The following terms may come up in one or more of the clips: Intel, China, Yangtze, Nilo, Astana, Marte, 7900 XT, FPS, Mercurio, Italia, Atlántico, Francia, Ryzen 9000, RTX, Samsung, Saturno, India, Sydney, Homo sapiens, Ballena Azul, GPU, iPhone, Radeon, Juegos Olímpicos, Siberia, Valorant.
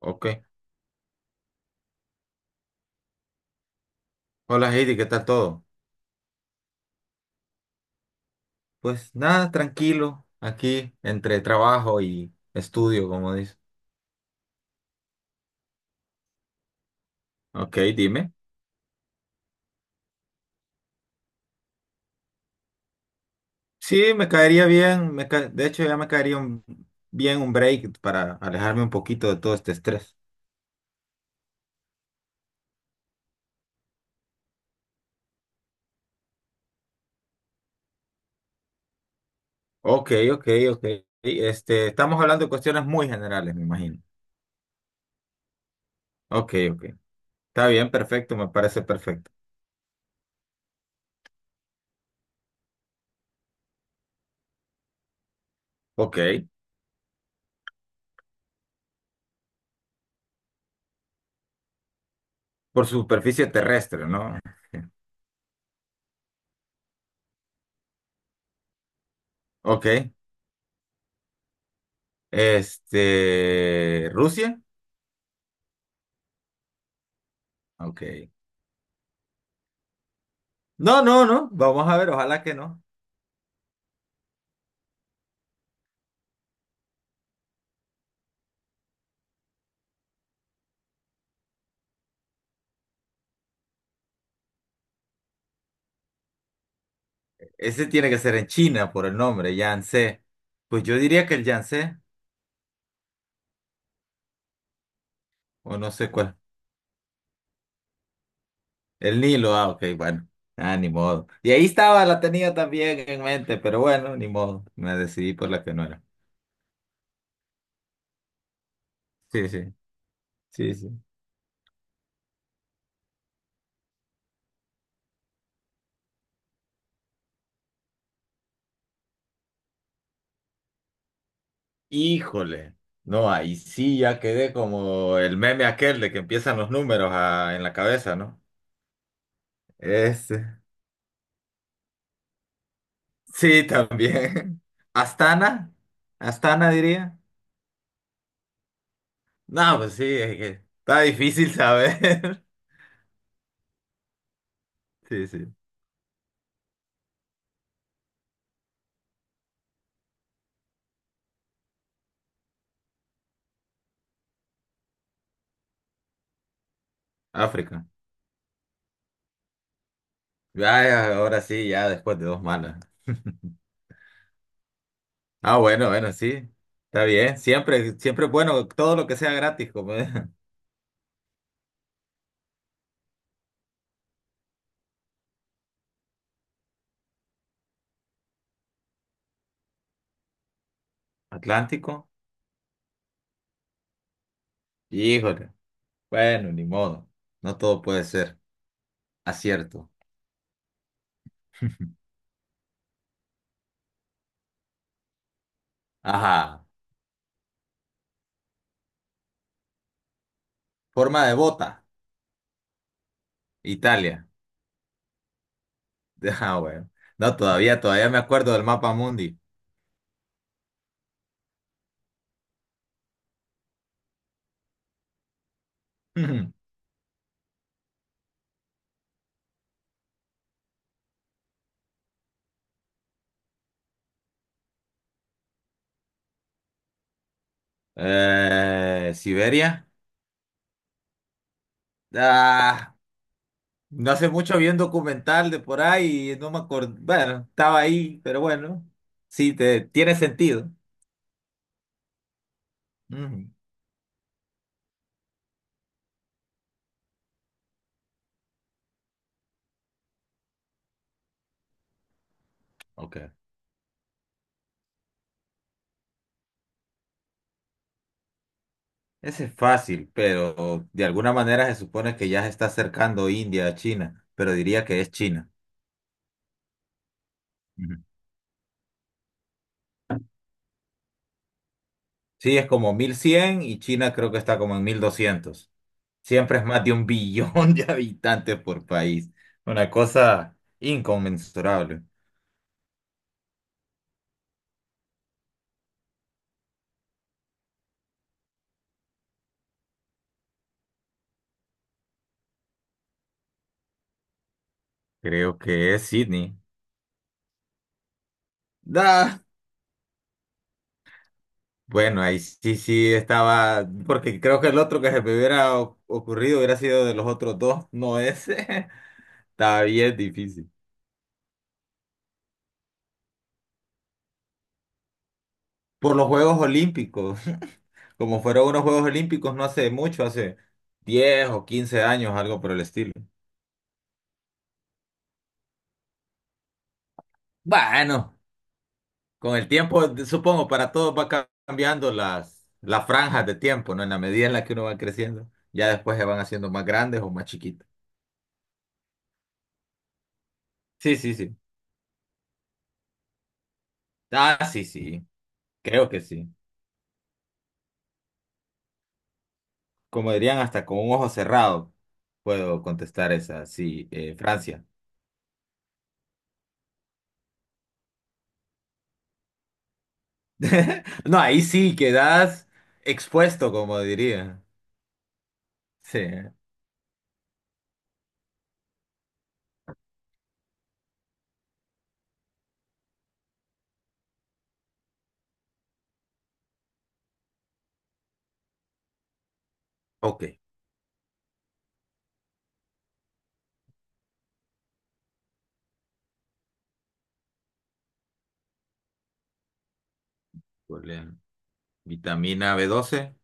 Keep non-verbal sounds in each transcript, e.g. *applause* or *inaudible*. Ok. Hola Heidi, ¿qué tal todo? Pues nada, tranquilo, aquí entre trabajo y estudio, como dice. Ok, dime. Sí, me caería bien, de hecho ya me caería bien un break para alejarme un poquito de todo este estrés. Ok, ok, ok. Estamos hablando de cuestiones muy generales, me imagino. Ok, ok. Está bien, perfecto, me parece perfecto. Ok, por superficie terrestre, ¿no? *laughs* Ok. Rusia. Ok. No, no, no, vamos a ver, ojalá que no. Ese tiene que ser en China por el nombre, Yangtze. Pues yo diría que el Yangtze, o no sé cuál. El Nilo, ah, ok, bueno. Ah, ni modo. Y ahí estaba, la tenía también en mente, pero bueno, ni modo. Me decidí por la que no era. Sí, sí, sí, sí. Híjole. No, ahí sí ya quedé como el meme aquel de que empiezan los números en la cabeza, ¿no? Ese. Sí, también. *laughs* Astana, Astana diría. No, pues sí, es que está difícil saber. *laughs* Sí, sí. África. Ya, ahora sí, ya después de dos malas. *laughs* Ah, bueno, bueno, sí. Está bien. Siempre, siempre es bueno todo lo que sea gratis, como es. *laughs* Atlántico. Híjole. Bueno, ni modo. No todo puede ser. Acierto. Ajá. Forma de bota. Italia. *laughs* Ah, bueno. No, todavía, todavía me acuerdo del mapa mundi. *laughs* Siberia. Ah, no hace mucho vi un documental de por ahí y no me acuerdo. Bueno, estaba ahí, pero bueno, sí, te, tiene sentido. Ujú. Ok. Ese es fácil, pero de alguna manera se supone que ya se está acercando India a China, pero diría que es China. Ujú. Sí, es como 1100 y China creo que está como en 1200. Siempre es más de un *laughs* billón de habitantes por país. Una cosa inconmensurable. Creo que es Sydney. Da. Bueno, ahí sí, sí estaba, porque creo que el otro que se me hubiera ocurrido hubiera sido de los otros dos, no ese. *laughs* Estaba bien difícil. Por los Juegos Olímpicos, *laughs* como fueron unos Juegos Olímpicos no hace mucho, hace 10 o 15 años, algo por el estilo. Bueno, con el tiempo, supongo, para todos va cambiando las franjas de tiempo, ¿no? En la medida en la que uno va creciendo, ya después se van haciendo más grandes o más chiquitas. Sí, sí, sí. Ah, sí, sí, creo que sí. Como dirían, hasta con un ojo cerrado puedo contestar esa, sí, Francia. *laughs* No, ahí sí quedas expuesto, como diría. Sí. Ok. Problema. ¿Vitamina B12?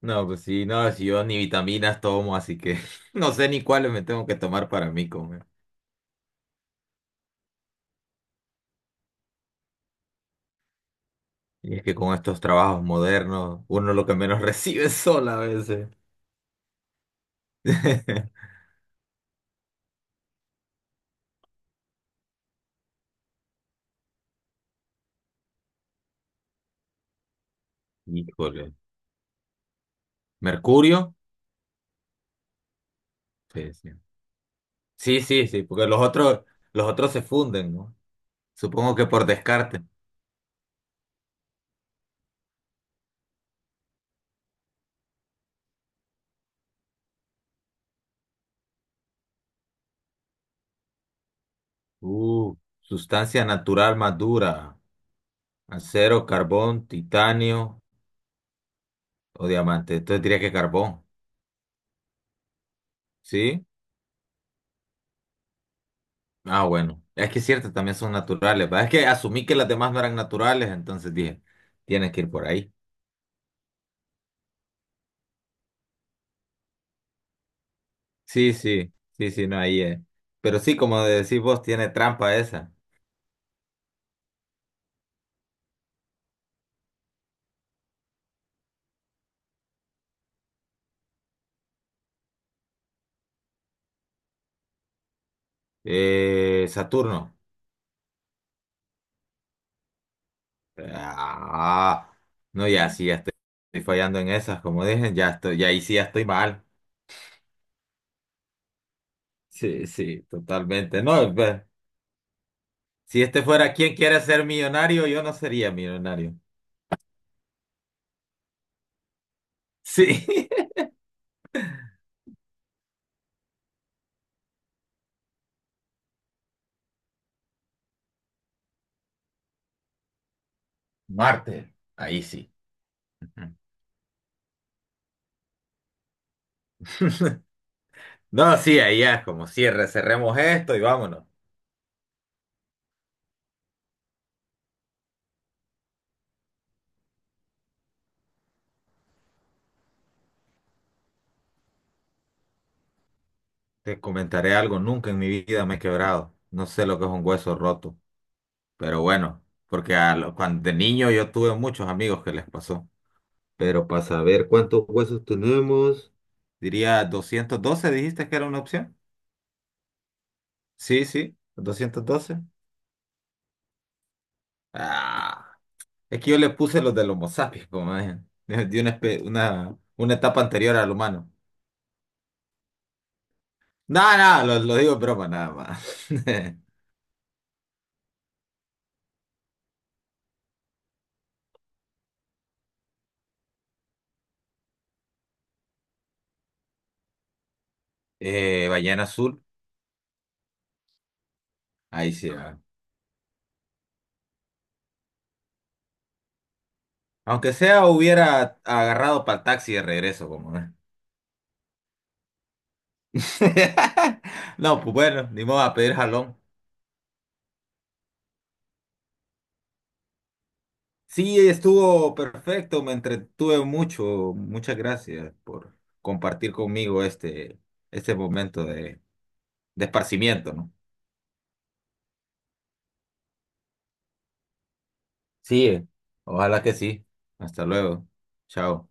No, pues sí, no, si yo ni vitaminas tomo, así que *laughs* no sé ni cuáles me tengo que tomar para mí comer. Y es que con estos trabajos modernos, uno lo que menos *laughs* recibe es sol a veces. *laughs* Híjole. ¿Mercurio? Sí, sí. Sí, sí, sí, porque los otros se funden, ¿no? Supongo que por descarte. Uh, Sustancia natural más dura. Acero, carbón, titanio o diamante. Entonces diría que carbón. ¿Sí? Ah, bueno. Es que es cierto, también son naturales. ¿Va? Es que asumí que las demás no eran naturales, entonces dije, tienes que ir por ahí. Sí, sí, sí, sí, no, ahí es. Pero sí, como decís vos, tiene trampa esa. Saturno. Ah, no, ya sí, ya estoy fallando en esas, como dije, ya estoy, ya ahí sí ya estoy mal. Sí, sí, totalmente. No, pues, si este fuera quien quiere ser millonario, yo no sería millonario. Sí. *laughs* Marte, ahí sí. Ujú. No, sí, ahí ya es como cierre, cerremos esto y vámonos. Te comentaré algo, nunca en mi vida me he quebrado. No sé lo que es un hueso roto, pero bueno, porque cuando de niño yo tuve muchos amigos que les pasó. Pero para saber cuántos huesos tenemos, diría 212. Dijiste que era una opción. Sí, sí, 212. Ah. Es que yo le puse los del Homo sapiens, como es, de *laughs* una etapa anterior al humano. Nada, nada, no, lo digo en broma, nada más. *laughs* Ballena Azul, ahí sí va. Aunque sea, hubiera agarrado para el taxi de regreso, como es. *laughs* No, pues bueno, ni modo a pedir jalón. Sí, estuvo perfecto, me entretuve mucho. Muchas gracias por compartir conmigo este momento de esparcimiento, ¿no? Sí, ojalá que sí. Hasta luego. Chao.